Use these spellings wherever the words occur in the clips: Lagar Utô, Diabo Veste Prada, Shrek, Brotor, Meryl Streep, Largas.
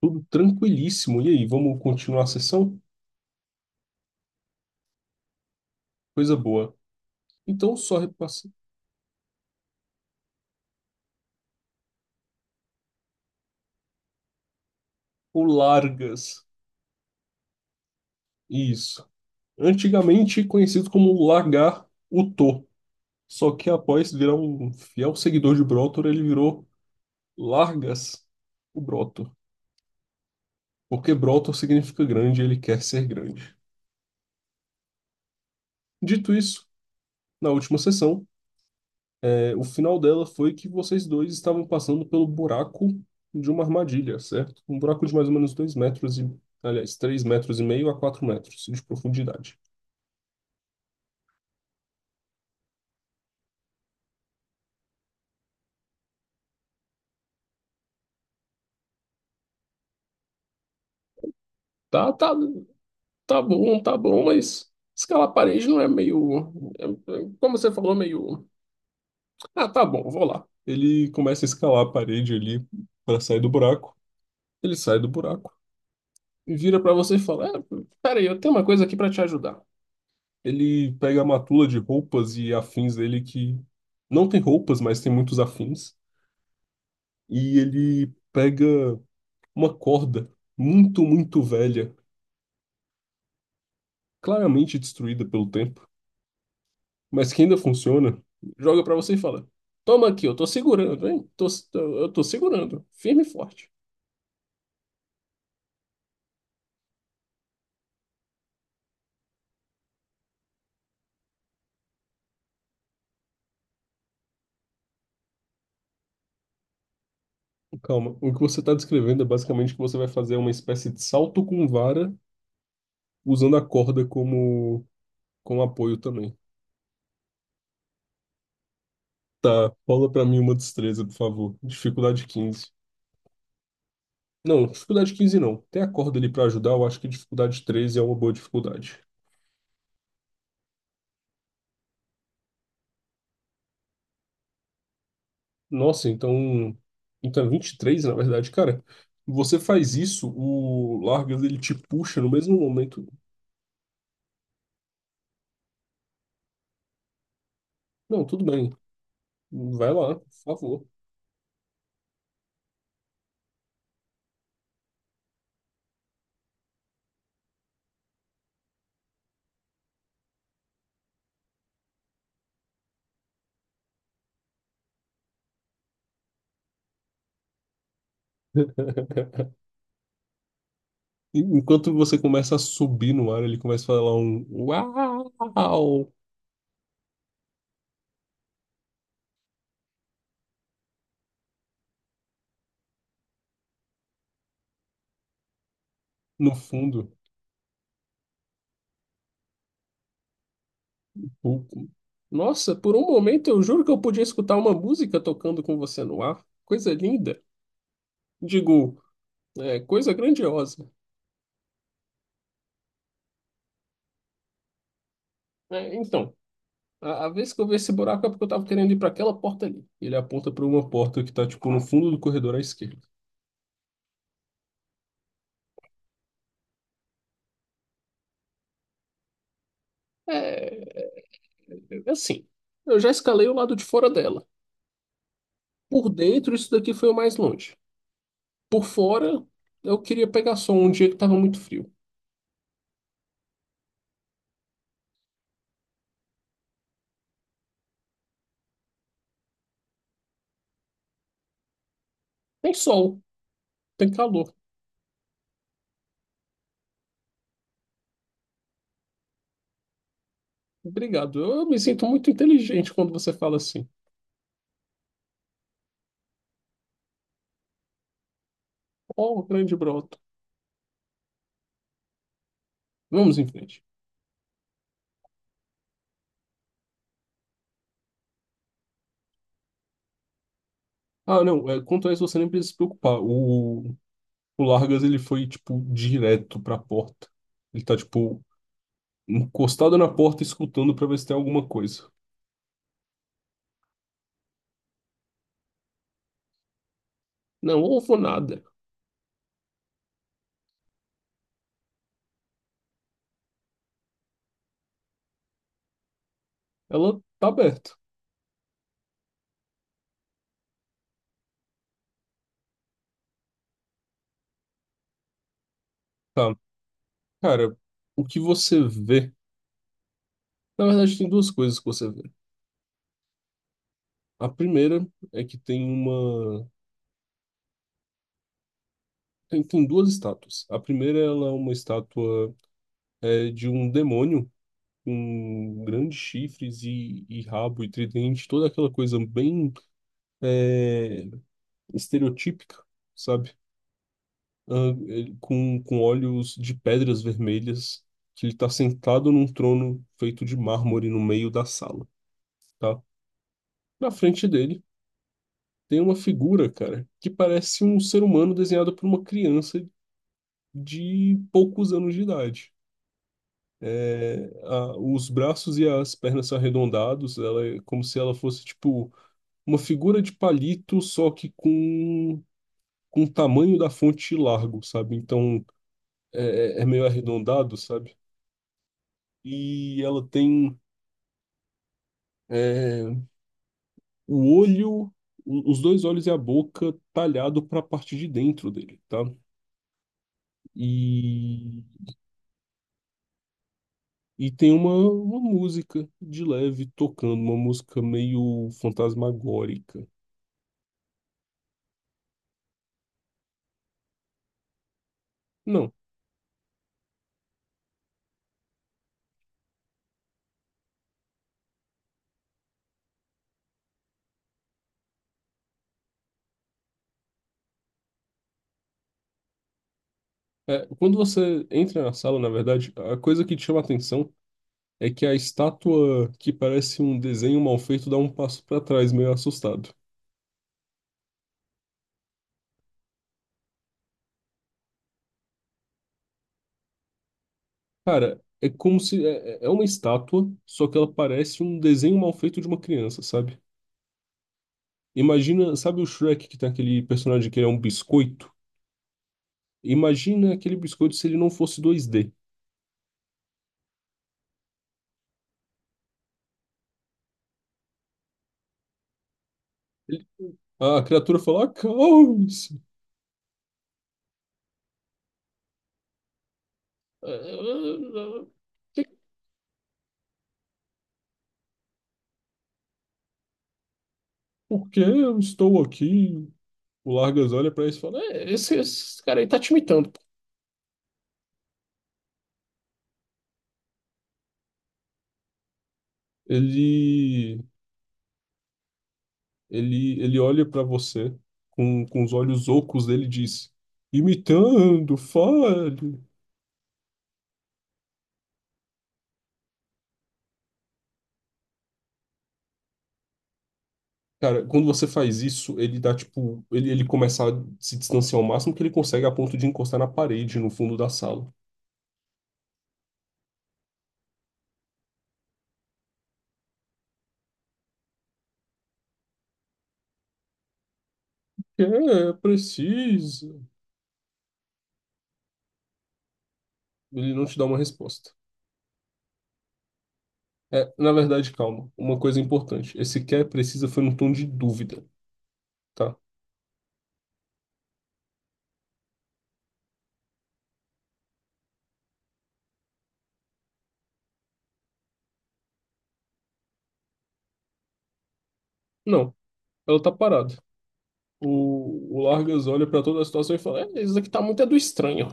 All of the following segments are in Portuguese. Tudo tranquilíssimo. E aí, vamos continuar a sessão? Coisa boa. Então, só repassar. O Largas. Isso. Antigamente conhecido como Lagar Utô. Só que após virar um fiel seguidor de Brotor, ele virou Largas o Brotor. Porque Brotor significa grande e ele quer ser grande. Dito isso, na última sessão, o final dela foi que vocês dois estavam passando pelo buraco de uma armadilha, certo? Um buraco de mais ou menos 2 metros e, aliás, 3,5 metros a 4 metros de profundidade. Tá, tá, tá bom, mas escalar a parede não é meio. é- é, como você falou, meio. Ah, tá bom, vou lá. Ele começa a escalar a parede ali para sair do buraco. Ele sai do buraco e vira para você e fala: É, peraí, eu tenho uma coisa aqui para te ajudar. Ele pega a matula de roupas e afins dele que não tem roupas, mas tem muitos afins. E ele pega uma corda muito, muito velha, claramente destruída pelo tempo, mas que ainda funciona, joga pra você e fala: Toma aqui, eu tô segurando, hein? Eu tô segurando, firme e forte. Calma, o que você está descrevendo é basicamente que você vai fazer uma espécie de salto com vara, usando a corda como apoio também. Tá, rola pra mim uma destreza, por favor. Dificuldade 15. Não, dificuldade 15 não. Tem a corda ali pra ajudar, eu acho que dificuldade 13 é uma boa dificuldade. Nossa, então. Então é 23 na verdade, cara. Você faz isso, o Largas ele te puxa no mesmo momento. Não, tudo bem. Vai lá, por favor. E enquanto você começa a subir no ar, ele começa a falar um uau no fundo. O- Nossa, por um momento eu juro que eu podia escutar uma música tocando com você no ar. Coisa linda. Digo, coisa grandiosa. É, então, a vez que eu vi esse buraco é porque eu tava querendo ir para aquela porta ali. Ele aponta para uma porta que tá, tipo, no fundo do corredor à esquerda. É, assim, eu já escalei o lado de fora dela. Por dentro, isso daqui foi o mais longe. Por fora, eu queria pegar sol um dia que tava muito frio. Tem sol, tem calor. Obrigado. Eu me sinto muito inteligente quando você fala assim. Oh, grande brota. Vamos em frente. Ah, não, quanto a isso você nem precisa se preocupar. O Largas, ele foi, tipo, direto pra porta. Ele tá, tipo, encostado na porta, escutando pra ver se tem alguma coisa. Não houve nada. Ela tá aberta. Tá. Cara, o que você vê. Na verdade, tem duas coisas que você vê. A primeira é que tem uma. Tem duas estátuas. A primeira, ela é uma estátua de um demônio com grandes chifres e rabo e tridente, toda aquela coisa bem é, estereotípica, sabe? Ah, com olhos de pedras vermelhas, que ele tá sentado num trono feito de mármore no meio da sala, tá? Na frente dele tem uma figura, cara, que parece um ser humano desenhado por uma criança de poucos anos de idade. É, os braços e as pernas são arredondados, ela é como se ela fosse, tipo, uma figura de palito, só que com o tamanho da fonte largo, sabe? Então é meio arredondado, sabe? E ela tem é, o olho, os dois olhos e a boca talhado para a parte de dentro dele, tá? E, e tem uma música de leve tocando, uma música meio fantasmagórica. Não. É, quando você entra na sala, na verdade, a coisa que te chama a atenção é que a estátua que parece um desenho mal feito dá um passo para trás, meio assustado. Cara, é como se. É uma estátua, só que ela parece um desenho mal feito de uma criança, sabe? Imagina, sabe o Shrek que tem aquele personagem que ele é um biscoito? Imagina aquele biscoito se ele não fosse dois d. Ele- a criatura fala: Acalme-se! Ah, ah, ah, que- Por que eu estou aqui? O Largas olha pra isso e fala: "É, esse cara aí tá te imitando. Ele. Ele olha para você com os olhos ocos dele e diz: imitando, fale. Cara, quando você faz isso, ele dá tipo. Ele começa a se distanciar ao máximo que ele consegue a ponto de encostar na parede no fundo da sala. É, precisa. Ele não te dá uma resposta. É, na verdade, calma. Uma coisa importante. Esse quer precisa foi num tom de dúvida, tá? Não, ela tá parada. O Largas olha pra toda a situação e fala: Isso aqui tá muito do estranho.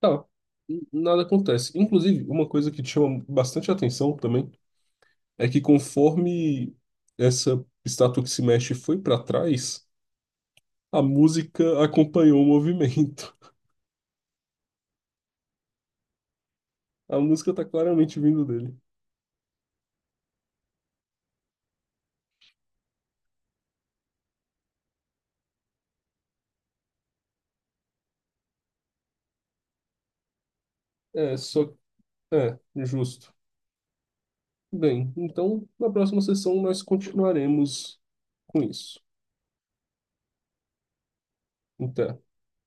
Tá, nada acontece. Inclusive, uma coisa que te chama bastante atenção também é que conforme essa estátua que se mexe foi para trás, a música acompanhou o movimento. A música tá claramente vindo dele. É, só. É, justo. Bem, então na próxima sessão nós continuaremos com isso. Até.